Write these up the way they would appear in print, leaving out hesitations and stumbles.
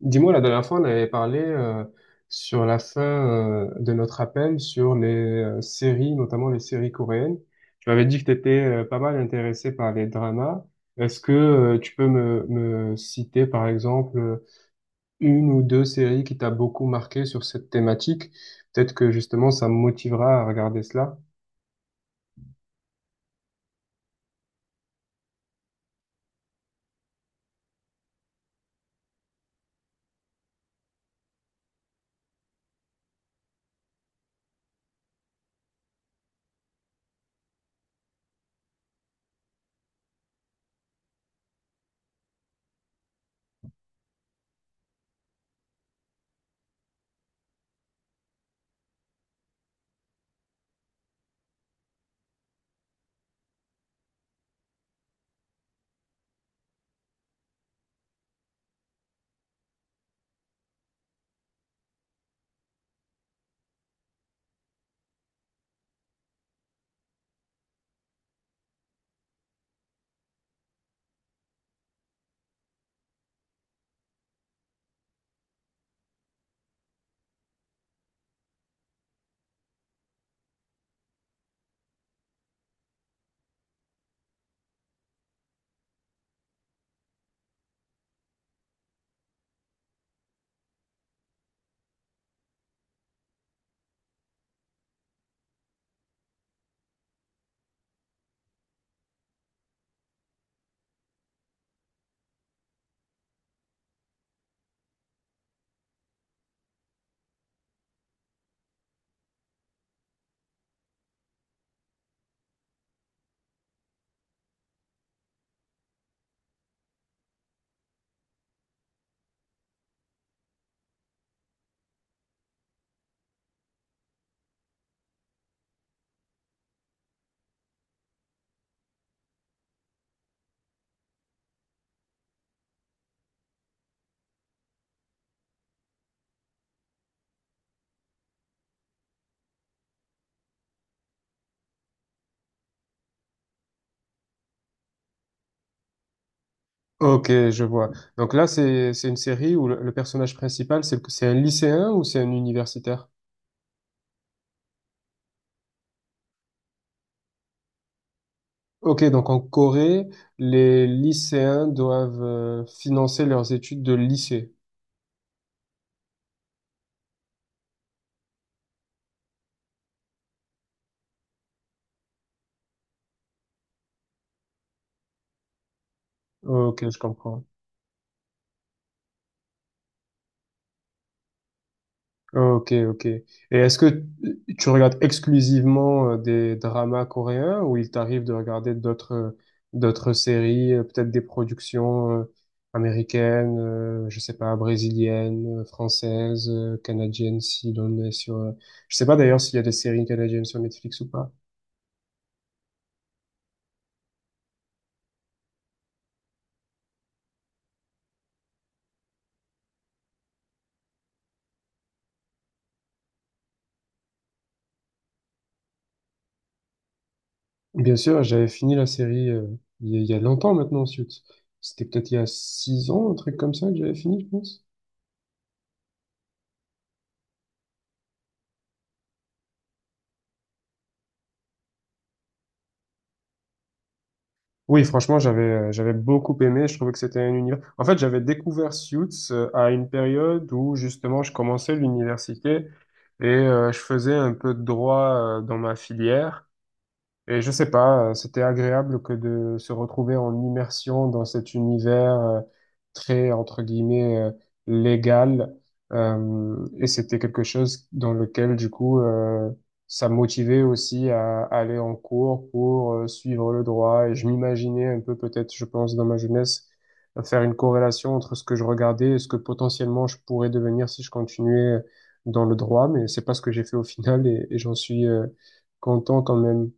Dis-moi, la dernière fois, on avait parlé sur la fin de notre appel sur les séries, notamment les séries coréennes. Tu m'avais dit que tu étais pas mal intéressé par les dramas. Est-ce que tu peux me citer, par exemple, une ou deux séries qui t'a beaucoup marqué sur cette thématique. Peut-être que justement, ça me motivera à regarder cela. Ok, je vois. Donc là, c'est une série où le personnage principal, c'est un lycéen ou c'est un universitaire? Ok, donc en Corée, les lycéens doivent financer leurs études de lycée. Ok, je comprends. Ok, ok. Et est-ce que tu regardes exclusivement des dramas coréens ou il t'arrive de regarder d'autres d'autres séries, peut-être des productions américaines, je sais pas, brésiliennes, françaises, canadiennes, si l'on est sur... Je sais pas d'ailleurs s'il y a des séries canadiennes sur Netflix ou pas. Bien sûr, j'avais fini la série il y a longtemps maintenant, Suits. C'était peut-être il y a 6 ans, un truc comme ça que j'avais fini, je pense. Oui, franchement, j'avais beaucoup aimé. Je trouvais que c'était un univers. En fait, j'avais découvert Suits à une période où justement je commençais l'université et je faisais un peu de droit dans ma filière. Et je sais pas, c'était agréable que de se retrouver en immersion dans cet univers très, entre guillemets, légal. Et c'était quelque chose dans lequel, du coup, ça me motivait aussi à aller en cours pour suivre le droit. Et je m'imaginais un peu, peut-être, je pense, dans ma jeunesse, faire une corrélation entre ce que je regardais et ce que potentiellement je pourrais devenir si je continuais dans le droit. Mais c'est pas ce que j'ai fait au final et j'en suis content quand même.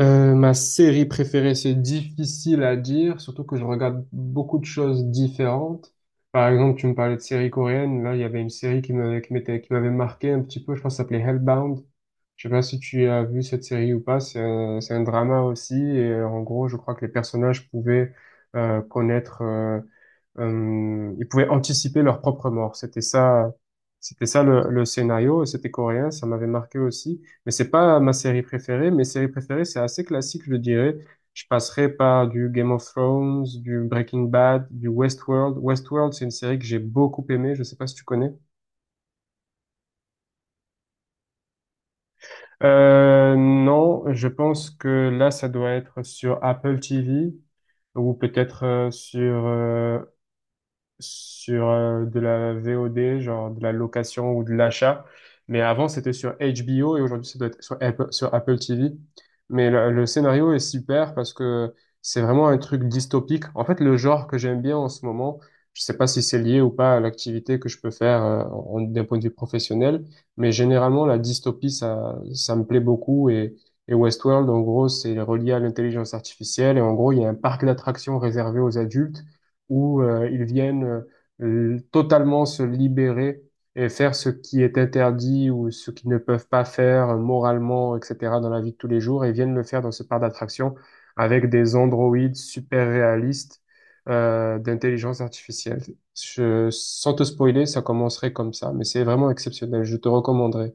Ma série préférée, c'est difficile à dire, surtout que je regarde beaucoup de choses différentes. Par exemple, tu me parlais de séries coréennes. Là, il y avait une série qui m'avait marqué un petit peu. Je pense que ça s'appelait Hellbound. Je sais pas si tu as vu cette série ou pas. C'est un drama aussi. Et en gros, je crois que les personnages pouvaient connaître, ils pouvaient anticiper leur propre mort. C'était ça, le scénario. Et c'était coréen. Ça m'avait marqué aussi. Mais c'est pas ma série préférée. Mes séries préférées, c'est assez classique, je dirais. Je passerai par du Game of Thrones, du Breaking Bad, du Westworld. Westworld, c'est une série que j'ai beaucoup aimée. Je sais pas si tu connais. Non, je pense que là, ça doit être sur Apple TV ou peut-être sur de la VOD, genre de la location ou de l'achat. Mais avant, c'était sur HBO et aujourd'hui, ça doit être sur Apple TV. Mais le scénario est super parce que c'est vraiment un truc dystopique. En fait, le genre que j'aime bien en ce moment, je sais pas si c'est lié ou pas à l'activité que je peux faire d'un point de vue professionnel, mais généralement, la dystopie, ça me plaît beaucoup. Et Westworld, en gros, c'est relié à l'intelligence artificielle. Et en gros, il y a un parc d'attractions réservé aux adultes où ils viennent totalement se libérer et faire ce qui est interdit ou ce qu'ils ne peuvent pas faire moralement, etc., dans la vie de tous les jours, et viennent le faire dans ce parc d'attractions avec des androïdes super réalistes d'intelligence artificielle. Sans te spoiler, ça commencerait comme ça, mais c'est vraiment exceptionnel. Je te recommanderais.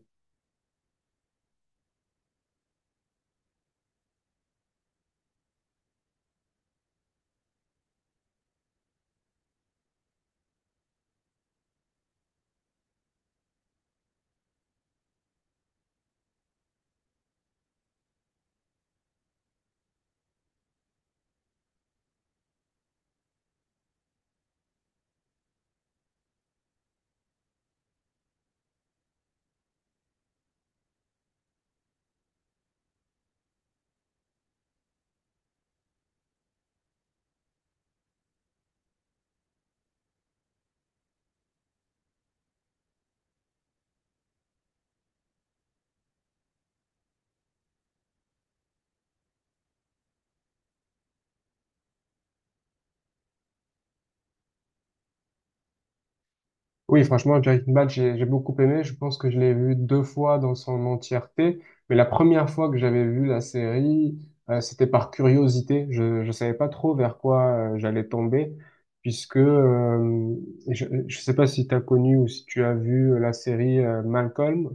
Oui, franchement, Breaking Bad, j'ai beaucoup aimé. Je pense que je l'ai vu deux fois dans son entièreté. Mais la première fois que j'avais vu la série, c'était par curiosité. Je ne savais pas trop vers quoi j'allais tomber, puisque je ne sais pas si tu as connu ou si tu as vu la série Malcolm.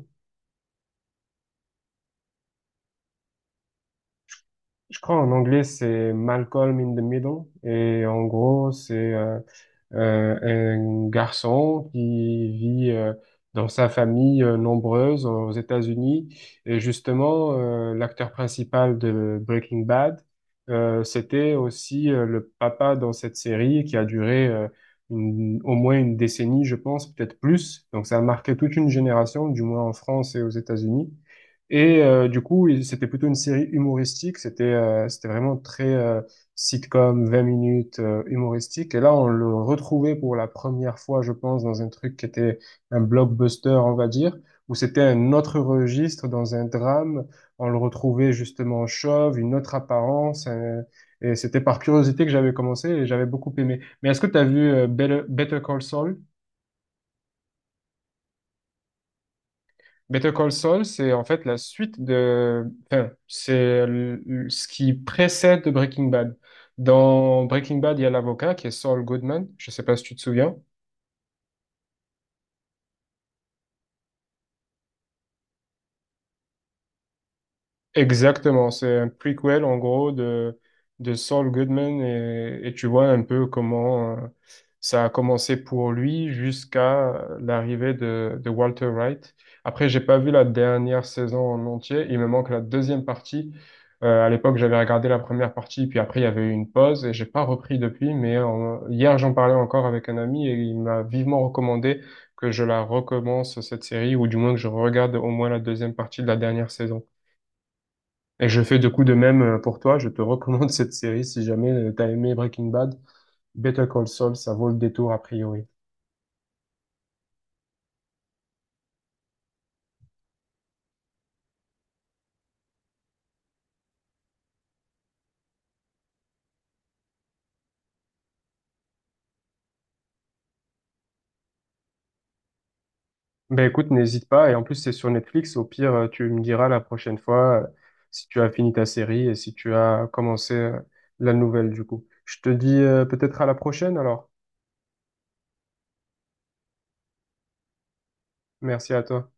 Je crois en anglais, c'est Malcolm in the Middle. Et en gros, c'est euh, un garçon qui vit dans sa famille nombreuse aux États-Unis. Et justement, l'acteur principal de Breaking Bad, c'était aussi le papa dans cette série qui a duré au moins une décennie, je pense, peut-être plus. Donc ça a marqué toute une génération, du moins en France et aux États-Unis. Et du coup, c'était plutôt une série humoristique. C'était vraiment très sitcom, 20 minutes humoristique. Et là, on le retrouvait pour la première fois, je pense, dans un truc qui était un blockbuster, on va dire, où c'était un autre registre, dans un drame. On le retrouvait justement chauve, une autre apparence. Et c'était par curiosité que j'avais commencé et j'avais beaucoup aimé. Mais est-ce que tu as vu Better Call Saul? Better Call Saul, c'est en fait la suite de... Enfin, ce qui précède Breaking Bad. Dans Breaking Bad, il y a l'avocat qui est Saul Goodman. Je sais pas si tu te souviens. Exactement, c'est un prequel en gros de Saul Goodman et tu vois un peu comment ça a commencé pour lui jusqu'à l'arrivée de Walter Wright. Après, j'ai pas vu la dernière saison en entier, il me manque la deuxième partie. À l'époque, j'avais regardé la première partie, puis après il y avait eu une pause et j'ai pas repris depuis, mais hier j'en parlais encore avec un ami et il m'a vivement recommandé que je la recommence cette série ou du moins que je regarde au moins la deuxième partie de la dernière saison. Et je fais de coup de même pour toi. Je te recommande cette série si jamais t'as aimé Breaking Bad. Better Call Saul, ça vaut le détour a priori. Ben écoute, n'hésite pas. Et en plus, c'est sur Netflix. Au pire, tu me diras la prochaine fois si tu as fini ta série et si tu as commencé la nouvelle du coup. Je te dis peut-être à la prochaine alors. Merci à toi.